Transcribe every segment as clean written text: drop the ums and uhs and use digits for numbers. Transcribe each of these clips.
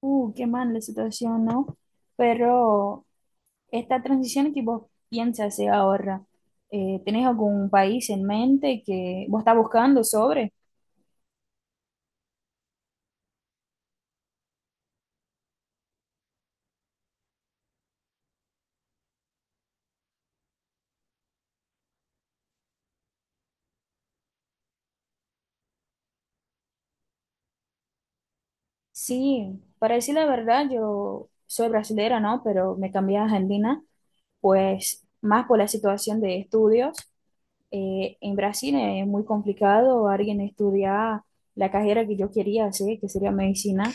Qué mal la situación, ¿no? Pero esta transición que vos piensas hacer ahora, ¿tenés algún país en mente que vos estás buscando sobre? Sí, para decir la verdad, yo soy brasilera, ¿no? Pero me cambié a Argentina, pues más por la situación de estudios. En Brasil es muy complicado alguien estudiar la carrera que yo quería hacer, que sería medicina.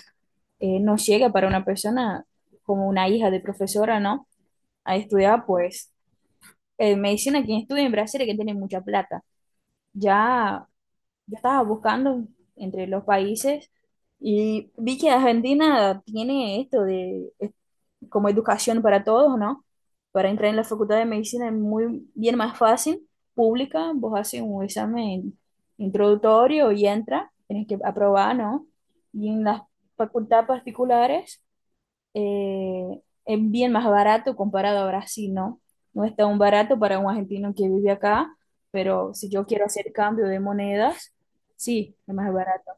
No llega para una persona como una hija de profesora, ¿no? Ahí estudiaba pues medicina, quien estudia en Brasil, hay que tiene mucha plata. Ya yo estaba buscando entre los países y vi que Argentina tiene esto de es como educación para todos, ¿no? Para entrar en la facultad de medicina es muy bien más fácil, pública, vos haces un examen introductorio y entra, tienes que aprobar, ¿no? Y en las facultades particulares es bien más barato comparado a Brasil, ¿no? No es tan barato para un argentino que vive acá, pero si yo quiero hacer cambio de monedas, sí, es más barato.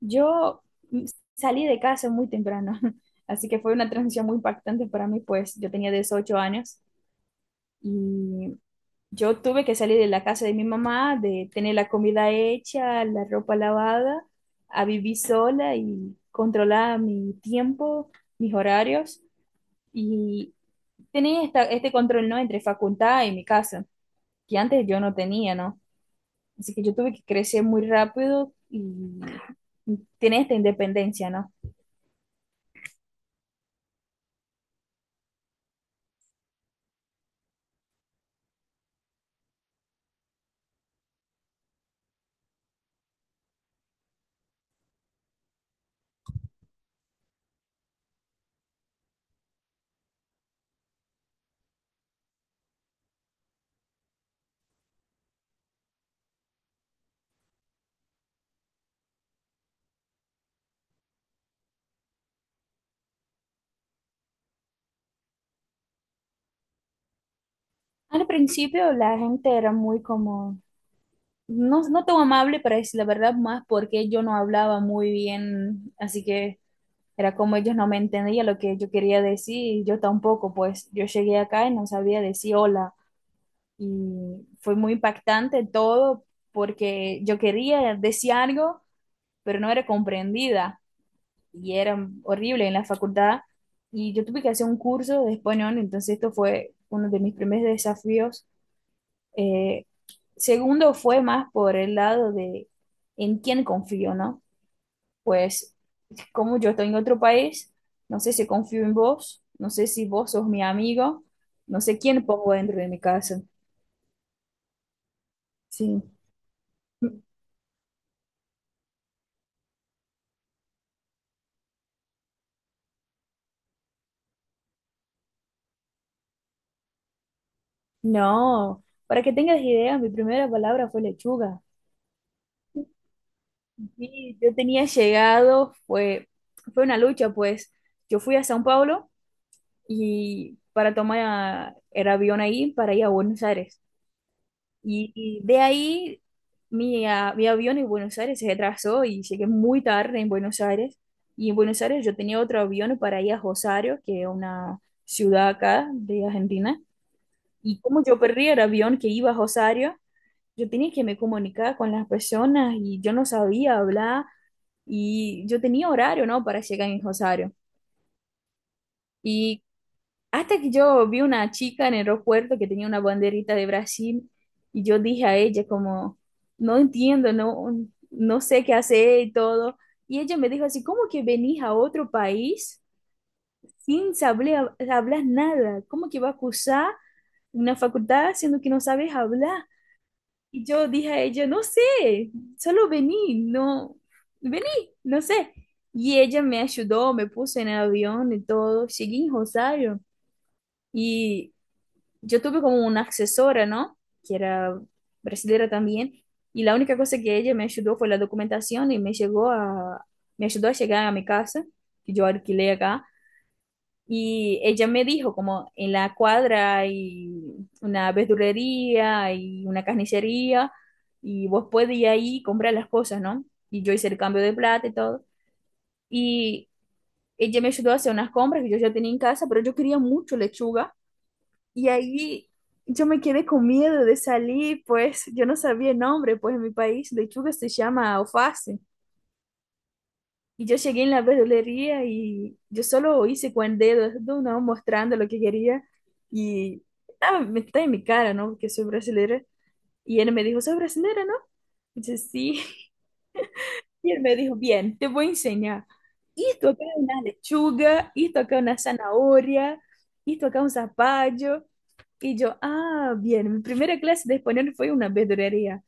Yo mm, salí de casa muy temprano, así que fue una transición muy impactante para mí, pues yo tenía 18 años y yo tuve que salir de la casa de mi mamá, de tener la comida hecha, la ropa lavada, a vivir sola y controlar mi tiempo, mis horarios. Y tenés esta, este control, ¿no? Entre facultad y mi casa, que antes yo no tenía, ¿no? Así que yo tuve que crecer muy rápido y tenés esta independencia, ¿no? Al principio la gente era muy como, no, no tan amable para decir la verdad, más porque yo no hablaba muy bien, así que era como ellos no me entendían lo que yo quería decir, y yo tampoco, pues yo llegué acá y no sabía decir hola, y fue muy impactante todo porque yo quería decir algo pero no era comprendida y era horrible en la facultad. Y yo tuve que hacer un curso de español, entonces esto fue uno de mis primeros desafíos. Eh, Segundo fue más por el lado de en quién confío, ¿no? Pues como yo estoy en otro país, no sé si confío en vos, no sé si vos sos mi amigo, no sé quién pongo dentro de mi casa. Sí. No, para que tengas idea, mi primera palabra fue lechuga. Sí, yo tenía llegado, fue una lucha, pues yo fui a Sao Paulo y para tomar el avión ahí para ir a Buenos Aires. Y de ahí mi avión en Buenos Aires se retrasó y llegué muy tarde en Buenos Aires. Y en Buenos Aires yo tenía otro avión para ir a Rosario, que es una ciudad acá de Argentina. Y como yo perdí el avión que iba a Rosario, yo tenía que me comunicar con las personas y yo no sabía hablar y yo tenía horario, ¿no? Para llegar en Rosario. Y hasta que yo vi una chica en el aeropuerto que tenía una banderita de Brasil y yo dije a ella como, no entiendo, no, no sé qué hacer y todo. Y ella me dijo así, ¿cómo que venís a otro país sin saber hablar nada? ¿Cómo que vas a cursar una facultad siendo que no sabes hablar? Y yo dije a ella, no sé, solo vení, no sé. Y ella me ayudó, me puso en el avión y todo. Llegué en Rosario y yo tuve como una asesora, ¿no? Que era brasileña también. Y la única cosa que ella me ayudó fue la documentación y me llegó a, me ayudó a llegar a mi casa, que yo alquilé acá. Y ella me dijo como en la cuadra hay una verdulería y una carnicería y vos podés ir ahí y comprar las cosas, ¿no? Y yo hice el cambio de plata y todo. Y ella me ayudó a hacer unas compras que yo ya tenía en casa, pero yo quería mucho lechuga. Y ahí yo me quedé con miedo de salir, pues yo no sabía el nombre, pues en mi país lechuga se llama alface. Y yo llegué en la verdulería y yo solo hice con dedos, ¿no? Mostrando lo que quería. Y ah, me está en mi cara, ¿no? Porque soy brasileña. Y él me dijo, ¿soy brasileña, no? Y yo, sí. Y él me dijo, bien, te voy a enseñar. Esto acá es una lechuga, esto acá es una zanahoria, esto acá es un zapallo. Y yo, ah, bien, mi primera clase de español fue en una verdulería.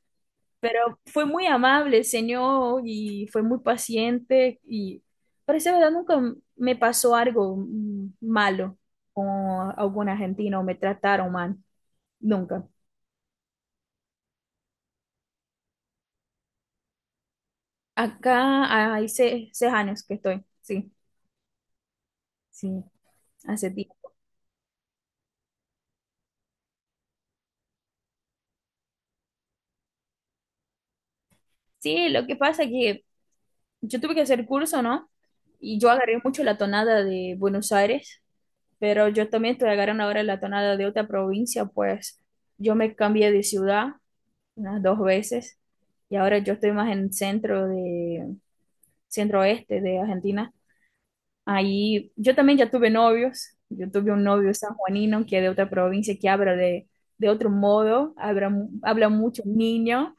Pero fue muy amable el señor y fue muy paciente y parece verdad nunca me pasó algo malo con algún argentino, me trataron mal, nunca. Acá hay seis, años que estoy, sí, sí, hace tiempo. Sí, lo que pasa es que yo tuve que hacer curso, ¿no? Y yo agarré mucho la tonada de Buenos Aires, pero yo también estoy agarrando ahora la tonada de otra provincia, pues yo me cambié de ciudad unas dos veces. Y ahora yo estoy más en centro de, centro oeste de Argentina. Ahí yo también ya tuve novios. Yo tuve un novio sanjuanino que es de otra provincia que habla de otro modo, habla, habla mucho niño.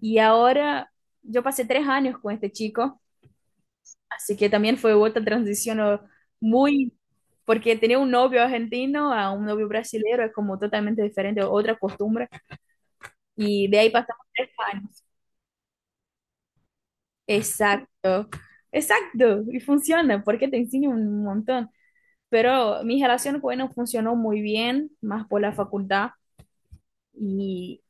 Y ahora yo pasé 3 años con este chico, así que también fue otra transición o, muy, porque tenía un novio argentino a un novio brasileño, es como totalmente diferente, otra costumbre. Y de ahí pasamos 3 años. Exacto, exacto, y funciona porque te enseña un montón. Pero mi relación, bueno, funcionó muy bien, más por la facultad, y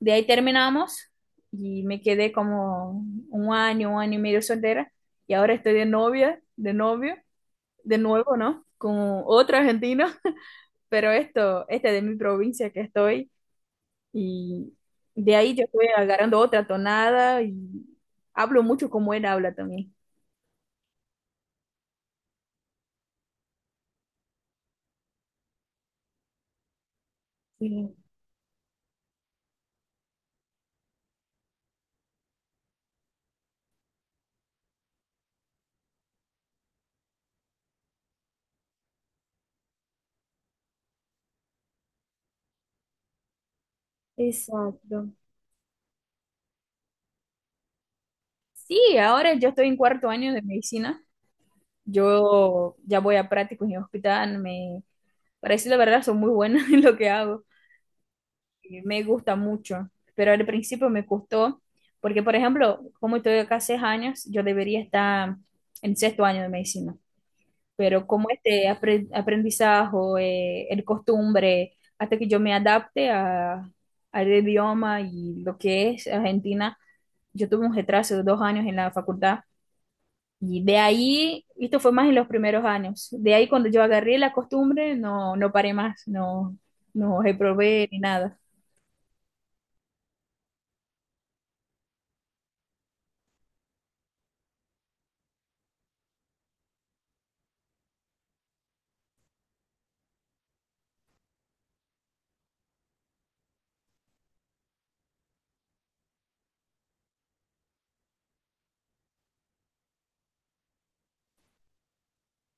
de ahí terminamos y me quedé como un año y medio soltera, y ahora estoy de novia, de novio, de nuevo, ¿no? Con otro argentino, pero esto, este de mi provincia que estoy, y de ahí yo estoy agarrando otra tonada y hablo mucho como él habla también. Sí. Exacto. Sí, ahora yo estoy en cuarto año de medicina. Yo ya voy a prácticos en hospital. Me parece la verdad, son muy buenas en lo que hago. Y me gusta mucho, pero al principio me costó, porque por ejemplo, como estoy acá 6 años, yo debería estar en sexto año de medicina. Pero como este aprendizaje, el costumbre, hasta que yo me adapte a, al idioma y lo que es Argentina, yo tuve un retraso de 2 años en la facultad. Y de ahí, esto fue más en los primeros años, de ahí cuando yo agarré la costumbre, no, no paré más, no, no reprobé ni nada.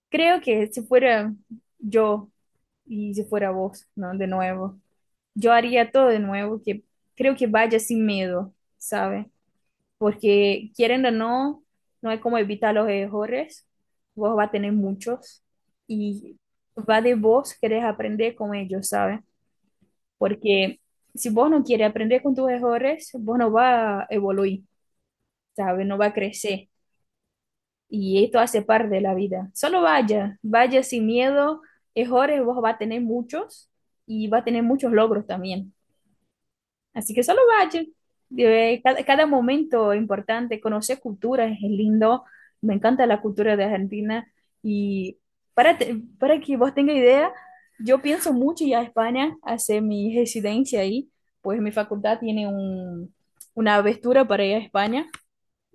Creo que si fuera yo y si fuera vos, ¿no? De nuevo, yo haría todo de nuevo, que creo que vaya sin miedo, ¿sabe? Porque quieren o no, no hay como evitar los errores, vos va a tener muchos y va de vos querés aprender con ellos, ¿sabe? Porque si vos no quieres aprender con tus errores, vos no va a evoluir, ¿sabes? No va a crecer. Y esto hace parte de la vida. Solo vaya, vaya sin miedo. Errores vos va a tener muchos y va a tener muchos logros también. Así que solo vaya. Cada momento es importante, conocer culturas es lindo. Me encanta la cultura de Argentina. Y para, para que vos tengas idea, yo pienso mucho ir a España, hacer mi residencia ahí, pues mi facultad tiene un, una aventura para ir a España.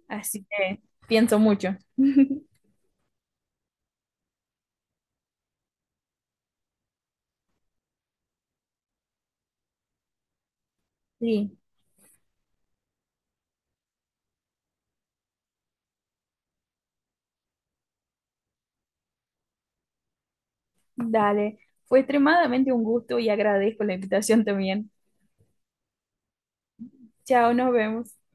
Así que pienso mucho. Sí, dale. Fue extremadamente un gusto y agradezco la invitación también. Chao, nos vemos.